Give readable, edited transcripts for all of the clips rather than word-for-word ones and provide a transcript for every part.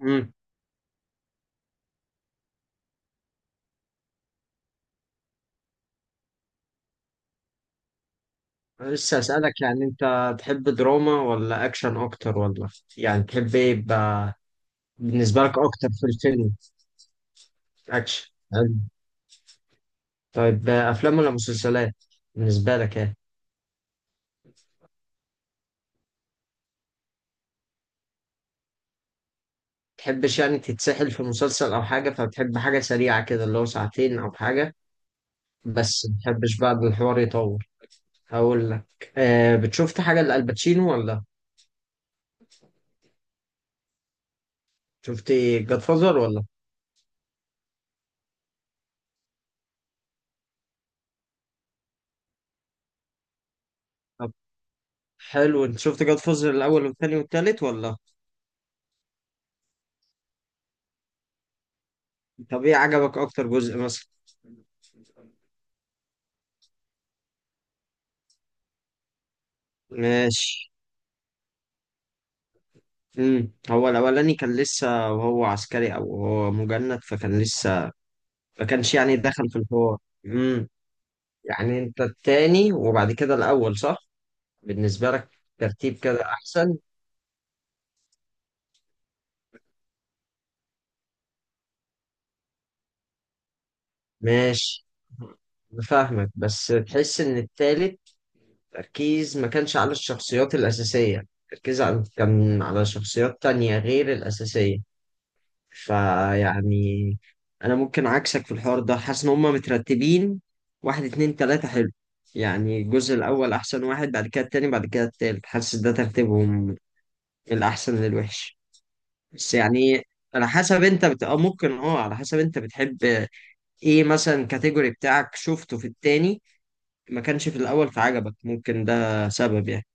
امم لسه اسالك، يعني انت تحب دراما ولا اكشن اكتر، ولا يعني تحب ايه يبقى؟ بالنسبه لك اكتر في الفيلم؟ اكشن حلو. طيب، افلام ولا مسلسلات، بالنسبه لك ايه؟ تحبش يعني تتسحل في مسلسل او حاجه، فبتحب حاجه سريعه كده، اللي هو ساعتين او حاجه؟ بس متحبش بقى إن الحوار يطول؟ هقول لك، بتشوفت حاجه لالباتشينو ولا؟ شفت جاد فازر ولا؟ طب حلو، انت شفت جاد فازر الاول والثاني والثالث، ولا؟ طب ايه عجبك اكتر جزء مثلا؟ ماشي. هو الاولاني كان لسه وهو عسكري، او هو مجند، فكان لسه ما كانش يعني دخل في الحوار. امم. يعني انت التاني وبعد كده الاول، صح؟ بالنسبه لك، ترتيب كده احسن؟ ماشي. بفهمك، بس تحس ان التالت تركيز ما كانش على الشخصيات الاساسيه، تركيز على كان على شخصيات تانية غير الاساسيه. فيعني، انا ممكن عكسك في الحوار ده، حاسس ان هما مترتبين واحد، اتنين، تلاتة. حلو، يعني الجزء الاول احسن واحد، بعد كده التاني، بعد كده التالت، حاسس ده ترتيبهم من الاحسن للوحش. بس يعني، على حسب انت بت... آه ممكن، على حسب انت بتحب ايه مثلا، كاتيجوري بتاعك شفته في التاني ما كانش في الاول، فعجبك، ممكن ده سبب يعني.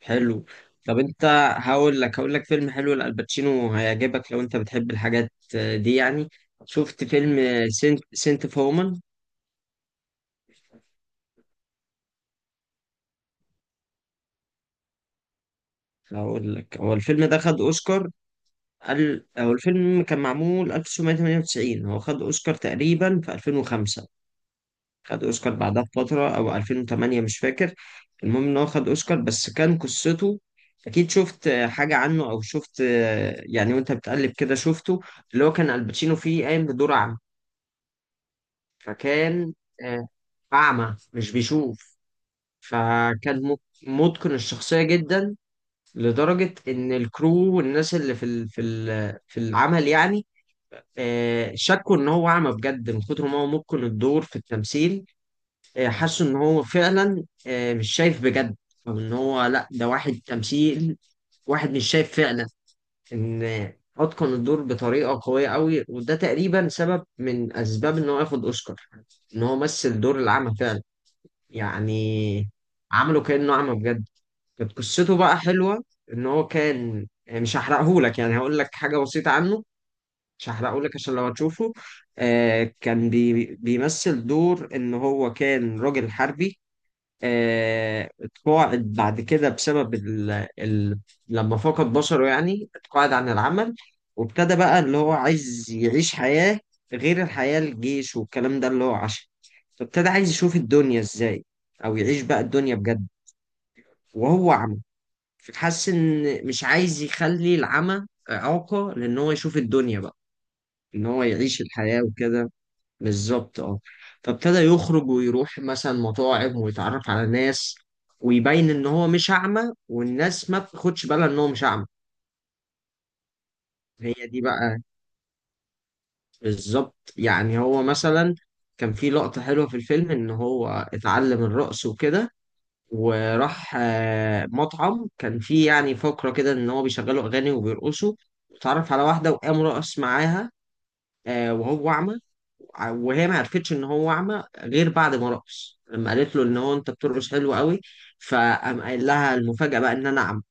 حلو. طب انت، هقول لك فيلم حلو لألباتشينو، هيعجبك لو انت بتحب الحاجات دي يعني. شفت فيلم سنت فومان؟ هقول لك، هو الفيلم ده خد اوسكار. هو الفيلم كان معمول 1998، هو خد اوسكار تقريبا في 2005. خد اوسكار بعدها بفتره، او 2008، مش فاكر. المهم ان هو خد اوسكار، بس كان قصته، اكيد شفت حاجه عنه او شفت يعني، وانت بتقلب كده شفته. اللي هو كان الباتشينو فيه قايم بدور، فكان آه، أعمى، مش بيشوف. فكان متقن الشخصية جدا، لدرجة إن الكرو والناس اللي في العمل، يعني شكوا إن هو أعمى بجد من كتر ما هو متقن الدور في التمثيل. حسوا إن هو فعلا مش شايف بجد، أو إن هو لأ، ده واحد تمثيل، واحد مش شايف فعلا، إن أتقن الدور بطريقة قوية أوي، وده تقريبا سبب من أسباب إن هو ياخد أوسكار، إن هو مثل دور الأعمى فعلا، يعني عملوا كأنه أعمى بجد. كانت قصته بقى حلوة، إن هو كان يعني، مش هحرقهولك، يعني هقول لك حاجة بسيطة عنه، مش هحرقهولك عشان لو هتشوفه. كان بيمثل دور إن هو كان راجل حربي، اتقاعد بعد كده بسبب ال... لما فقد بصره، يعني اتقاعد عن العمل. وابتدى بقى اللي هو عايز يعيش حياة غير الحياة، الجيش والكلام ده اللي هو عاشها، فابتدى عايز يشوف الدنيا ازاي، او يعيش بقى الدنيا بجد وهو عمى. فحس ان مش عايز يخلي العمى إعاقة، لان هو يشوف الدنيا بقى، ان هو يعيش الحياة وكده. بالظبط اه. فابتدى يخرج ويروح مثلا مطاعم ويتعرف على ناس، ويبين ان هو مش اعمى، والناس ما بتاخدش بالها ان هو مش اعمى. هي دي بقى بالظبط، يعني هو مثلا كان في لقطة حلوة في الفيلم، ان هو اتعلم الرقص وكده، وراح مطعم كان فيه يعني فقرة كده، ان هو بيشغلوا اغاني وبيرقصوا، اتعرف على واحدة وقام رقص معاها، وهو اعمى. وهي ما عرفتش ان هو اعمى غير بعد ما رقص، لما قالت له ان هو انت بترقص حلو قوي، فقام قايل لها المفاجأة بقى ان انا اعمى،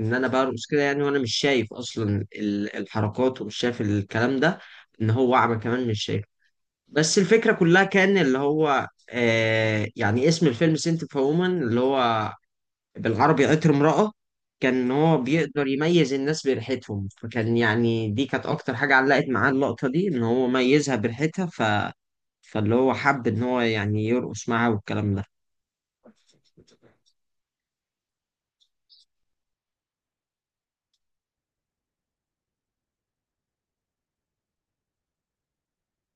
ان انا برقص كده يعني وانا مش شايف اصلا الحركات، ومش شايف الكلام ده، ان هو اعمى كمان مش شايف. بس الفكرة كلها كان اللي هو يعني اسم الفيلم سنت اوف وومن، اللي هو بالعربي عطر امرأة، كان إن هو بيقدر يميز الناس بريحتهم، فكان يعني دي كانت أكتر حاجة علقت معاه، اللقطة دي إن هو ميزها بريحتها، فاللي هو حب إن هو يعني يرقص معاها والكلام ده.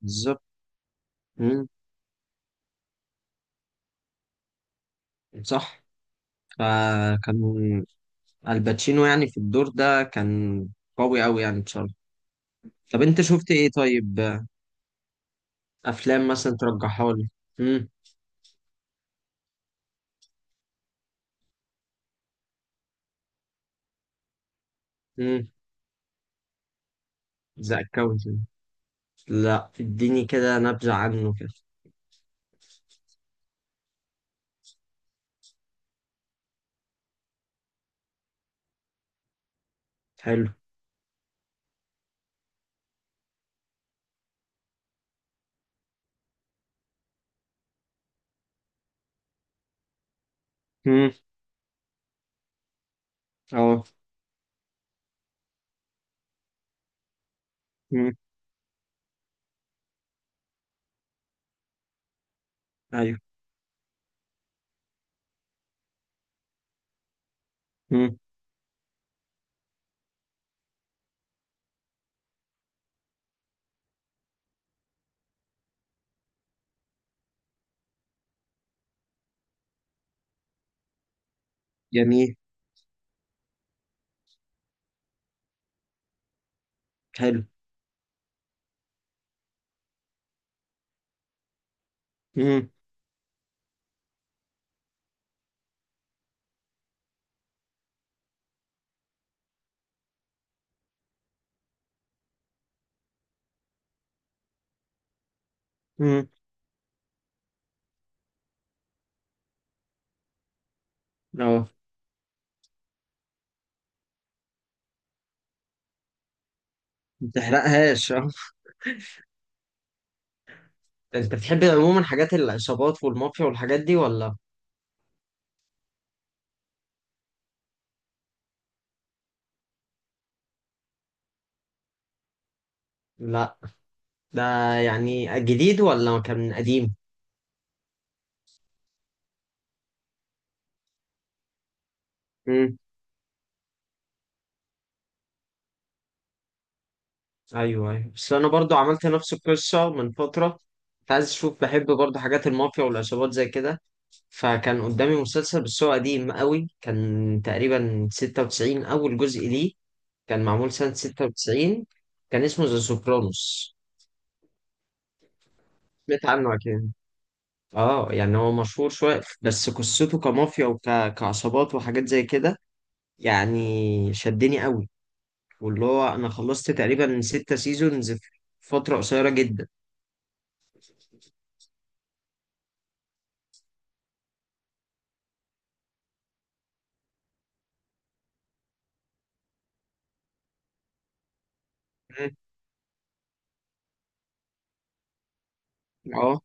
بالظبط. مم. صح. فكان الباتشينو يعني في الدور ده كان قوي أوي يعني بصراحة. طب أنت شفت إيه طيب؟ أفلام مثلا ترجحها لي؟ مم. مم. ذا أكاونت، لا اديني كده نبذة عنه كده. حلو. مم. اه. مم. ايوه. مم. جميل. حلو. مم. مم. اه، ما تحرقهاش اه. انت بتحب عموما حاجات العصابات والمافيا والحاجات دي ولا؟ لا. ده يعني جديد ولا كان قديم؟ مم. ايوه، ايوه، بس انا برضو عملت نفس القصه من فتره، كنت عايز اشوف، بحب برضو حاجات المافيا والعصابات زي كده، فكان قدامي مسلسل بس هو قديم قوي، كان تقريبا 96 اول جزء ليه، كان معمول سنه 96. كان اسمه ذا سوبرانوس. سمعت عنه أكيد. اه، يعني هو مشهور شوية، بس قصته كمافيا وكعصابات وحاجات زي كده يعني، شدني قوي، واللي هو أنا خلصت تقريبا 6 سيزونز في فترة قصيرة جدا. مم. اه،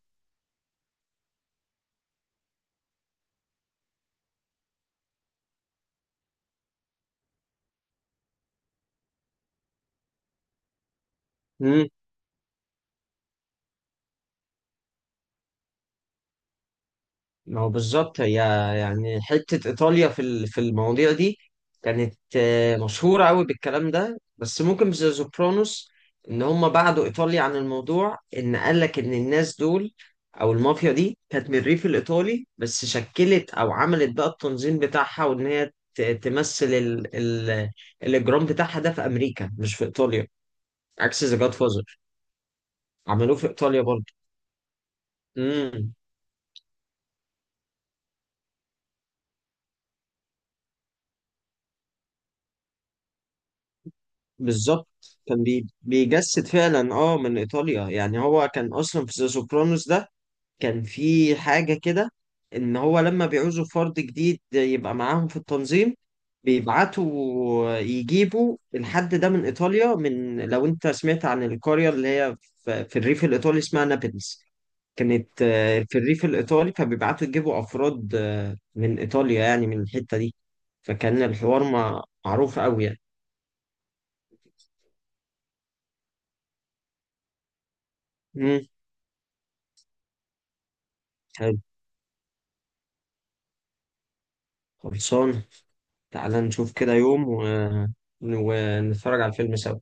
ما هو بالظبط، هي يعني حتة إيطاليا في المواضيع دي كانت مشهورة أوي بالكلام ده، بس ممكن في ذا سوبرانوس إن هم بعدوا إيطاليا عن الموضوع، إن قالك إن الناس دول، أو المافيا دي كانت من الريف الإيطالي، بس شكلت أو عملت بقى التنظيم بتاعها، وإن هي تمثل ال ال الإجرام بتاعها ده في أمريكا مش في إيطاليا، عكس ذا جاد فازر، عملوه في إيطاليا برضه. بالظبط. كان بيجسد فعلا، اه، من ايطاليا، يعني هو كان اصلا في ذا سوبرانوس ده، كان في حاجه كده، ان هو لما بيعوزوا فرد جديد يبقى معاهم في التنظيم، بيبعتوا يجيبوا الحد ده من ايطاليا، من لو انت سمعت عن القريه اللي هي في الريف الايطالي اسمها نابلز، كانت في الريف الايطالي، فبيبعتوا يجيبوا افراد من ايطاليا يعني من الحته دي، فكان الحوار معروف قوي يعني. امم. حلو، خلصان. تعال نشوف كده يوم ونتفرج على الفيلم سوا.